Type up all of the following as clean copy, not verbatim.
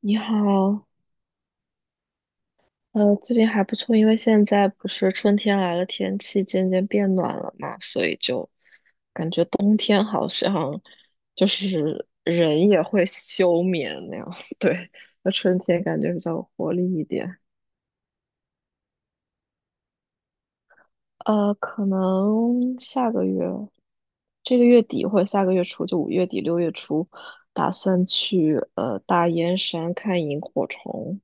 你好，最近还不错，因为现在不是春天来了，天气渐渐变暖了嘛，所以就感觉冬天好像就是人也会休眠那样，对，那春天感觉比较有活力一点。可能下个月，这个月底或者下个月初，就5月底6月初，打算去大燕山看萤火虫。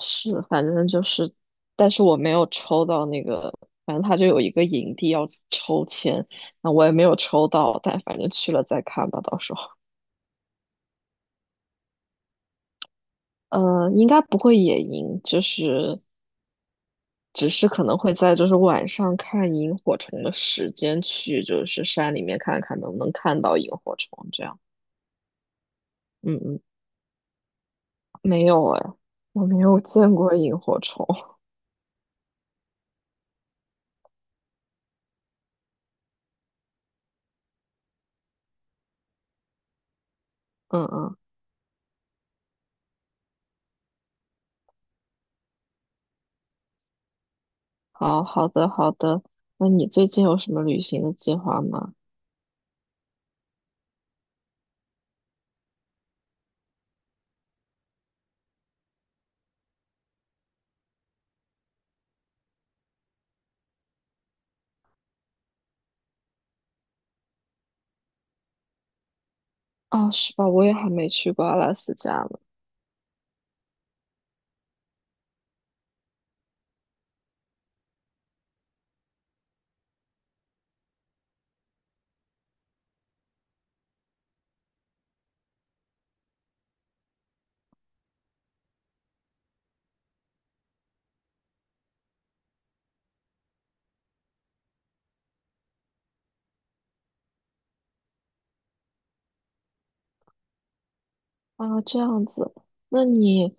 是，反正就是，但是我没有抽到那个，反正他就有一个营地要抽签，那我也没有抽到，但反正去了再看吧，到时候，应该不会野营，就是只是可能会在就是晚上看萤火虫的时间去，就是山里面看看能不能看到萤火虫这样。嗯嗯，没有哎，我没有见过萤火虫。嗯嗯，好好的好的，那你最近有什么旅行的计划吗？啊，是吧？我也还没去过阿拉斯加呢。啊，这样子，那你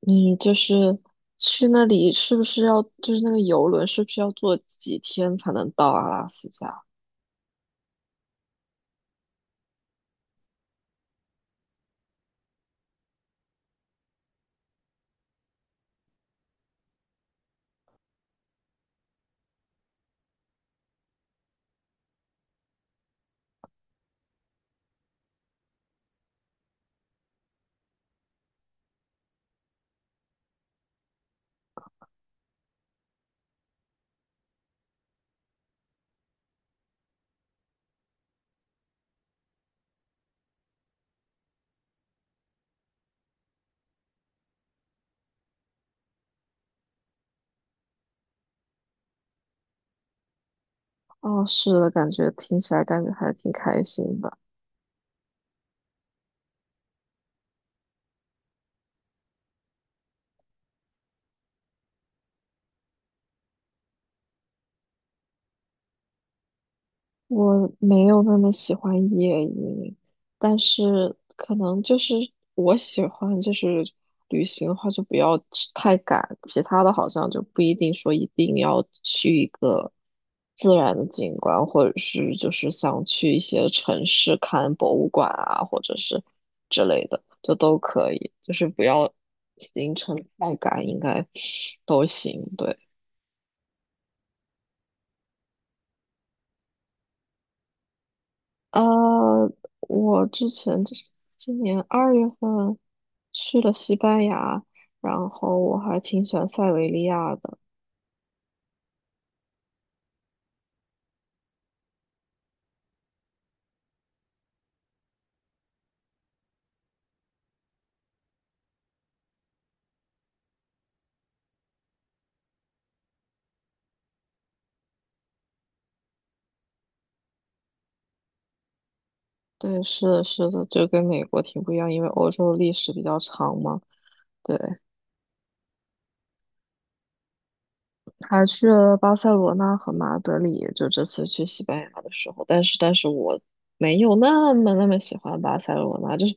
你就是去那里，是不是要就是那个游轮，是不是要坐几天才能到阿拉斯加？哦，是的，感觉听起来感觉还挺开心的。我没有那么喜欢夜鹰，但是可能就是我喜欢就是旅行的话就不要去太赶，其他的好像就不一定说一定要去一个自然的景观，或者是就是想去一些城市看博物馆啊，或者是之类的，就都可以，就是不要行程太赶，应该都行，对。呃，我之前就是今年二月份，去了西班牙，然后我还挺喜欢塞维利亚的。对，是的，是的，就跟美国挺不一样，因为欧洲历史比较长嘛。对，还去了巴塞罗那和马德里，就这次去西班牙的时候。但是我没有那么那么喜欢巴塞罗那，就是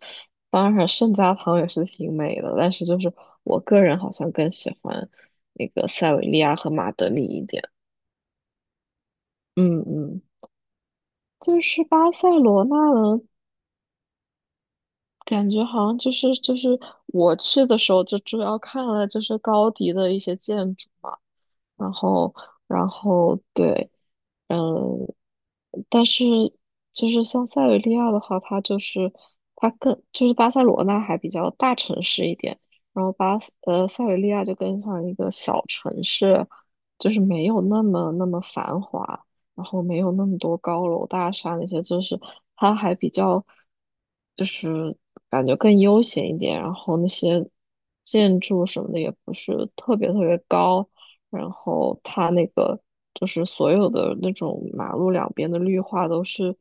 当然圣家堂也是挺美的，但是就是我个人好像更喜欢那个塞维利亚和马德里一点。嗯嗯。就是巴塞罗那呢，感觉好像就是我去的时候就主要看了就是高迪的一些建筑。然后，然后对，嗯，但是就是像塞维利亚的话，它就是它更就是巴塞罗那还比较大城市一点，然后塞维利亚就更像一个小城市，就是没有那么那么繁华，然后没有那么多高楼大厦那些，就是它还比较就是感觉更悠闲一点，然后那些建筑什么的也不是特别特别高。然后它那个就是所有的那种马路两边的绿化都是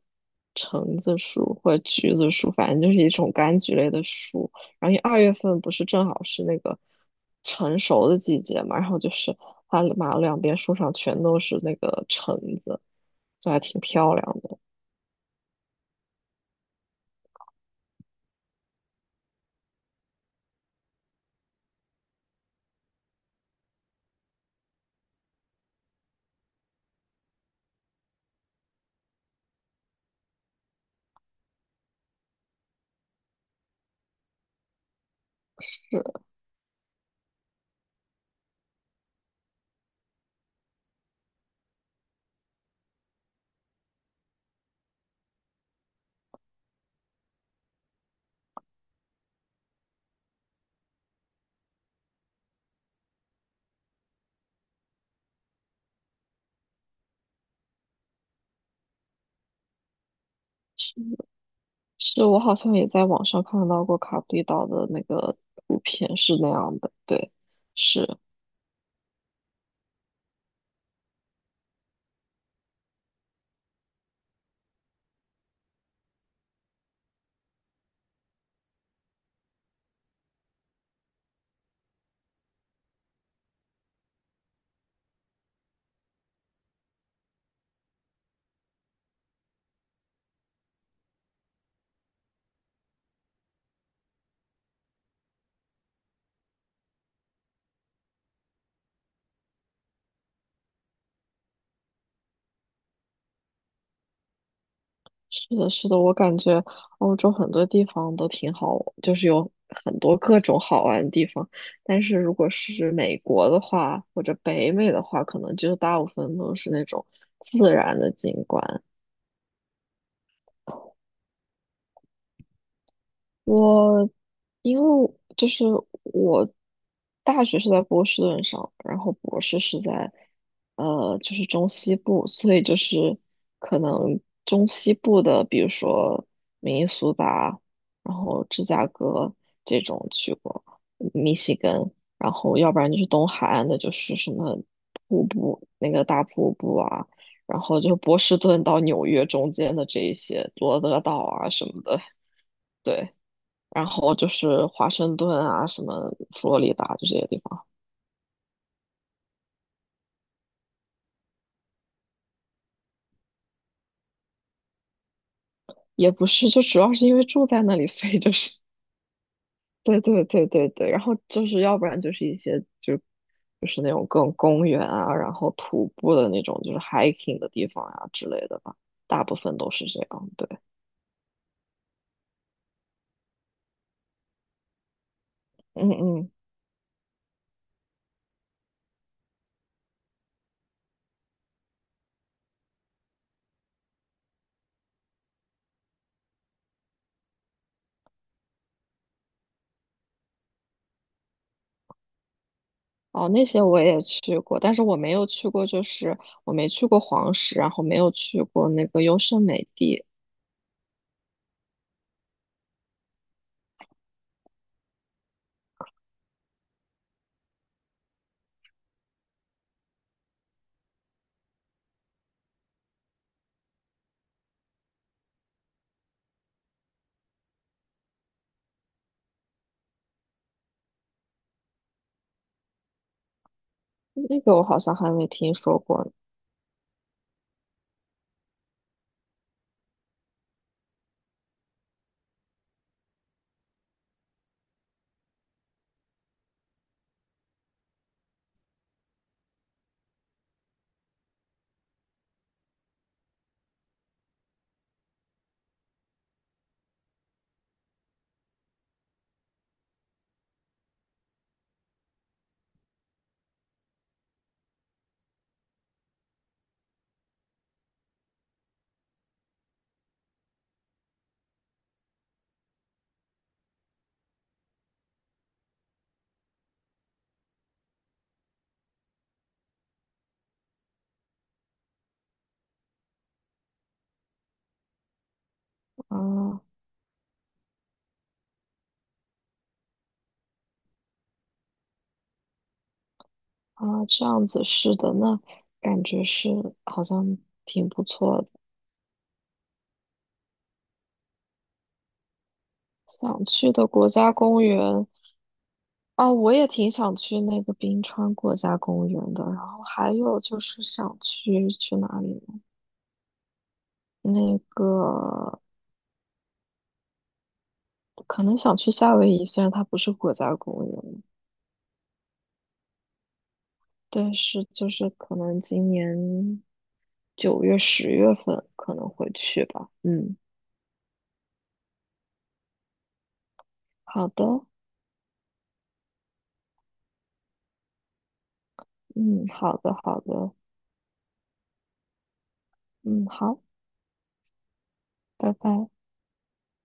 橙子树或者橘子树，反正就是一种柑橘类的树。然后因为二月份不是正好是那个成熟的季节嘛，然后就是它马路两边树上全都是那个橙子，就还挺漂亮的。是是，我好像也在网上看到过卡布里岛的那个图片是那样的，对，是。是的，是的，我感觉欧洲很多地方都挺好，就是有很多各种好玩的地方。但是如果是美国的话，或者北美的话，可能就大部分都是那种自然的景观。我因为就是我大学是在波士顿上，然后博士是在就是中西部，所以就是可能中西部的，比如说明尼苏达，然后芝加哥这种去过，密西根，然后要不然就是东海岸的，就是什么瀑布那个大瀑布啊，然后就波士顿到纽约中间的这一些罗德岛啊什么的，对。然后就是华盛顿啊，什么佛罗里达就这些地方，也不是，就主要是因为住在那里，所以就是，对对对对对，然后就是要不然就是一些就是那种各种公园啊，然后徒步的那种就是 hiking 的地方啊之类的吧，大部分都是这样，对，嗯嗯。哦，那些我也去过，但是我没有去过，就是我没去过黄石，然后没有去过那个优胜美地，那个我好像还没听说过呢啊。啊，这样子是的，那感觉是好像挺不错的。想去的国家公园啊，我也挺想去那个冰川国家公园的。然后还有就是想去哪里呢？那个可能想去夏威夷，虽然它不是国家公园，但是就是可能今年9月、10月份可能会去吧。嗯，好的，嗯，好的，好的，嗯，好，拜拜。